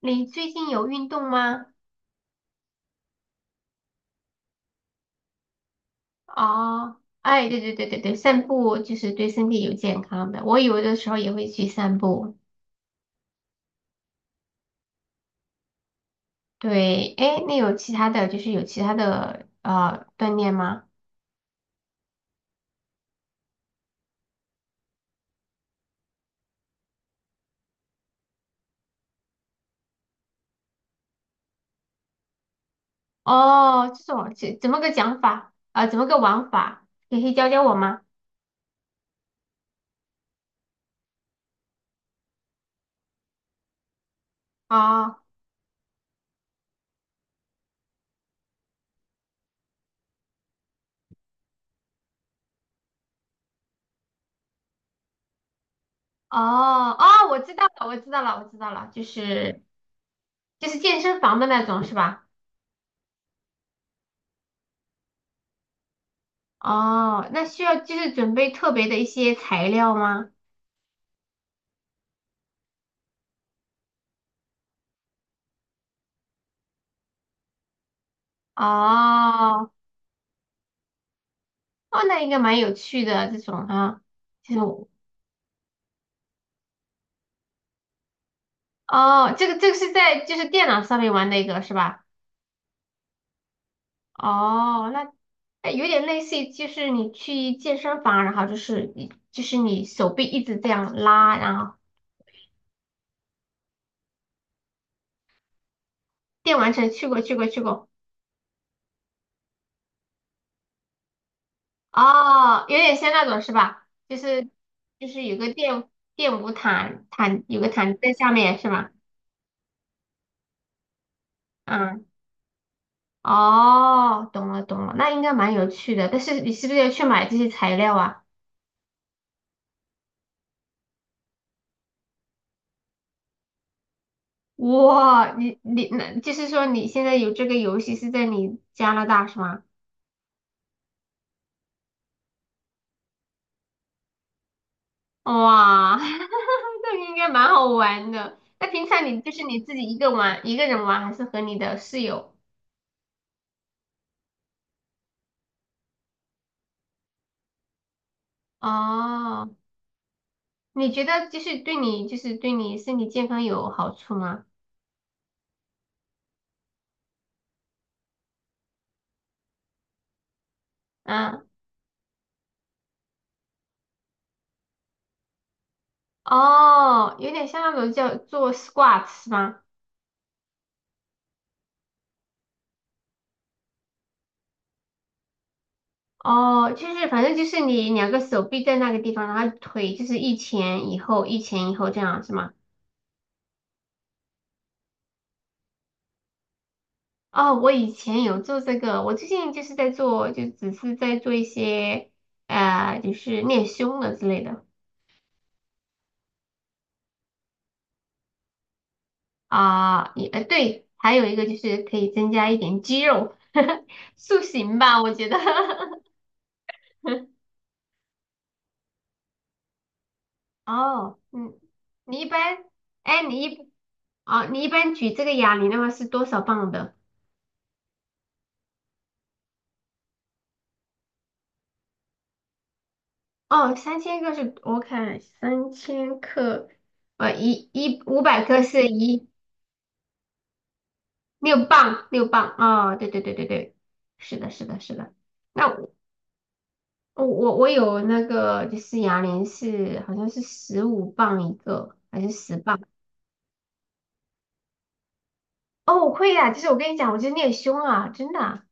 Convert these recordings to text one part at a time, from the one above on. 你最近有运动吗？哦，哎，对对对对对，散步就是对身体有健康的。我有的时候也会去散步。对，哎，那有其他的锻炼吗？哦，这种这怎么个讲法啊、呃怎么个玩法？你可以教教我吗？哦哦哦，我知道了，我知道了，我知道了，就是健身房的那种是吧？哦，那需要就是准备特别的一些材料吗？哦哦，那应该蛮有趣的这种啊。这种哦，这个是在就是电脑上面玩的一个是吧？哦，那哎有点类似于就是你去健身房，然后就是你手臂一直这样拉，然后电玩城去过去过去过。哦，有点像那种是吧？就是有个电舞毯有个毯子在下面是吧？嗯，哦，懂了懂了，那应该蛮有趣的，但是你是不是要去买这些材料啊？哇，你那就是说你现在有这个游戏是在你加拿大是吗？哇，那应该蛮好玩的。那平常你就是你自己一个人玩，还是和你的室友？哦，你觉得就是对你就是对你身体健康有好处吗？嗯，哦，有点像那种叫做 squat 是吗？哦，就是反正就是你两个手臂在那个地方，然后腿就是一前一后，一前一后这样是吗？哦，我以前有做这个，我最近就是在做，就只是在做一些，就是练胸的之类的。啊，对，还有一个就是可以增加一点肌肉，塑形吧，我觉得。哦，嗯，你一般，哎，你一哦，你一般举这个哑铃的话是多少磅的？哦，三千克是，我看三千克，一500克是一。六磅，六磅啊！哦对对对对对，是的，是的，是的。那我有那个就是哑铃是好像是15磅一个，还是10磅？哦，我会呀，就是我跟你讲，我就你练胸啊，真的啊。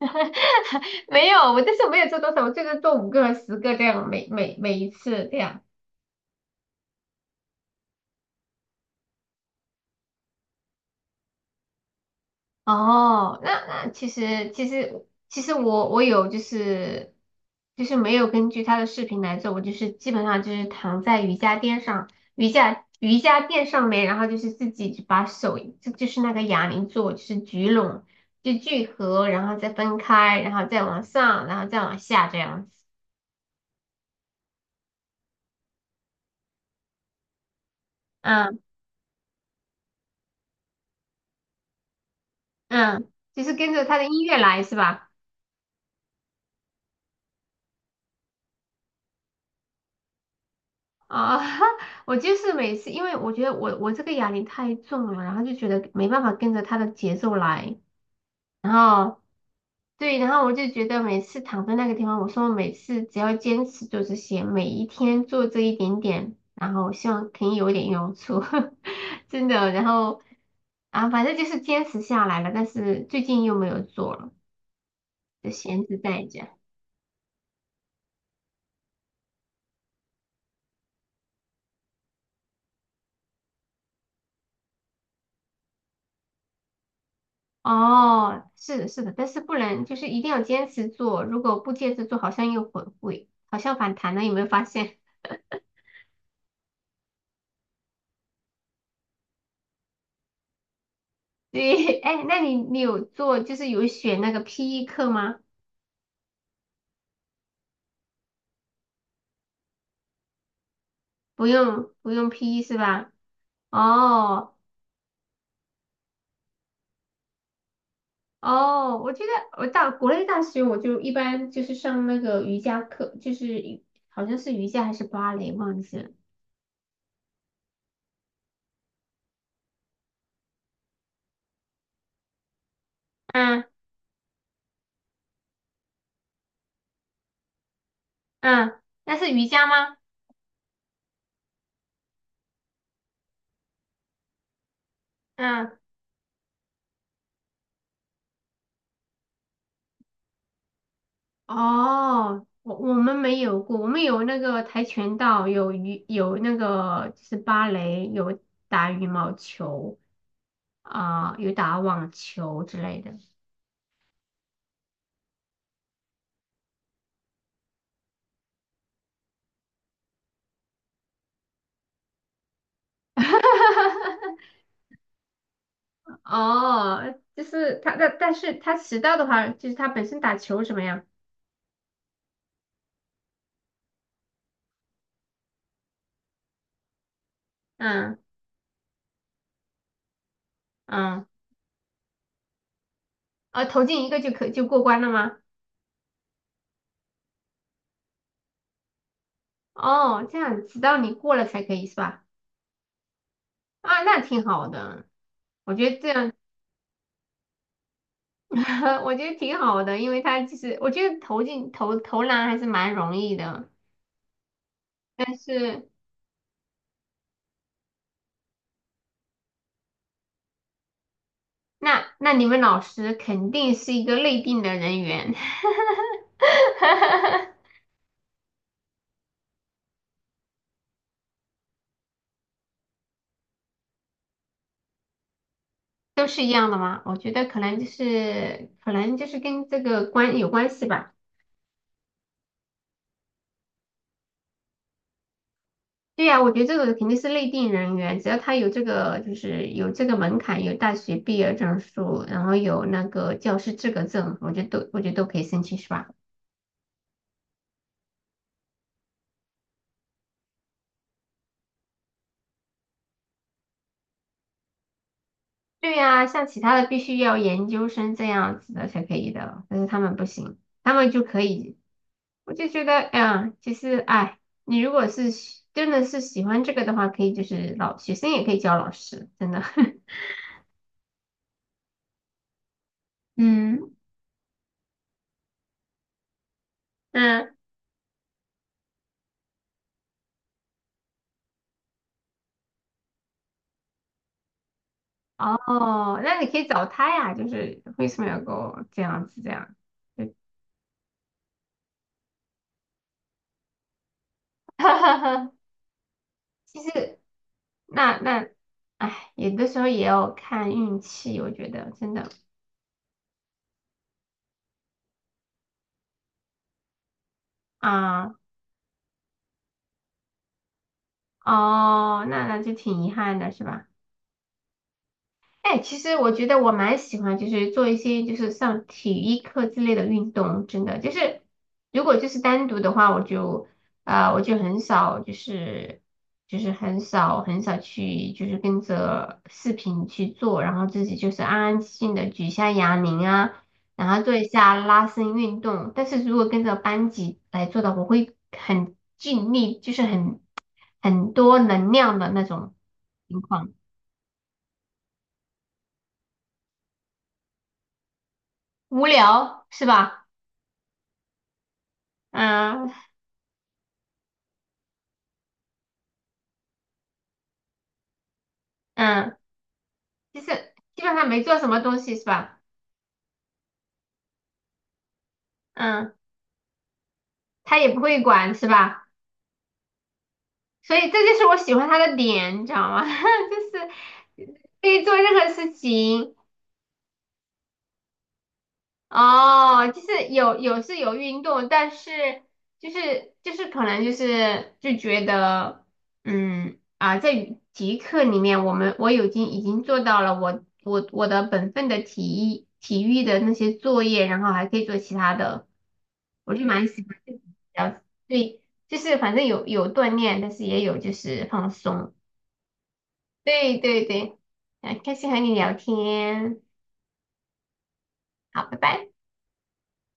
没有，但是我没有做多少，我最多做五个、十个这样，每一次这样。哦，那其实我有就是没有根据他的视频来做，我就是基本上就是躺在瑜伽垫上，瑜伽垫上面，然后就是自己就把手就是那个哑铃做，就是聚拢就聚合，然后再分开，然后再往上，然后再往下这样子。嗯嗯，就是跟着他的音乐来是吧？啊，我就是每次，因为我觉得我这个哑铃太重了，然后就觉得没办法跟着他的节奏来，然后对，然后我就觉得每次躺在那个地方，我说我每次只要坚持做这些，每一天做这一点点，然后希望可以有一点用处。真的，然后啊，反正就是坚持下来了，但是最近又没有做了，就闲置在家。哦，是的，是的，但是不能，就是一定要坚持做。如果不坚持做，好像又会，好像反弹了，有没有发现？对，哎，那你有做，就是有选那个 PE 课吗？不用，不用 PE 是吧？哦哦，我觉得我到国内大学，我就一般就是上那个瑜伽课，就是瑜好像是瑜伽还是芭蕾，忘记了。嗯嗯，那是瑜伽吗？嗯。哦，我们没有过，我们有那个跆拳道，有那个就是芭蕾，有打羽毛球啊、有打网球之类的。哦，就是他，但是他迟到的话，就是他本身打球怎么样？嗯嗯，啊，投进一个就过关了吗？哦，这样直到你过了才可以是吧？啊，那挺好的，我觉得这样。 我觉得挺好的，因为他就是，我觉得投篮还是蛮容易的，但是那你们老师肯定是一个内定的人员。都是一样的吗？我觉得可能就是跟这个有关系吧。对呀，我觉得这个肯定是内定人员，只要他有这个门槛，有大学毕业证书，然后有那个教师资格证，我觉得都可以申请，是吧？对呀、像其他的必须要研究生这样子的才可以的，但是他们不行，他们就可以。我就觉得，哎呀，其实，哎，你如果真的是喜欢这个的话，可以就是老学生也可以教老师，真的。嗯，嗯，哦，那你可以找他呀，就是为什么要给我这样子这样？对，其实那，哎，有的时候也要看运气，我觉得真的啊。哦，那就挺遗憾的，是吧？哎，其实我觉得我蛮喜欢，就是做一些就是上体育课之类的运动，真的就是如果就是单独的话，我就很少就是很少很少去就是跟着视频去做，然后自己就是安安静静的举一下哑铃啊，然后做一下拉伸运动。但是如果跟着班级来做的，我会很尽力，就是很多能量的那种情况。无聊是吧？嗯嗯，就是基本上没做什么东西是吧？嗯，他也不会管是吧？所以这就是我喜欢他的点，你知道吗？就是可以做任何事情。哦，就是有有是有运动，但是可能就是就觉得，嗯啊，在体育课里面，我已经做到了我的本分的体育的那些作业，然后还可以做其他的。我就蛮喜欢这种比较对，就是反正有锻炼，但是也有就是放松。对对对，很开心和你聊天，好，拜拜。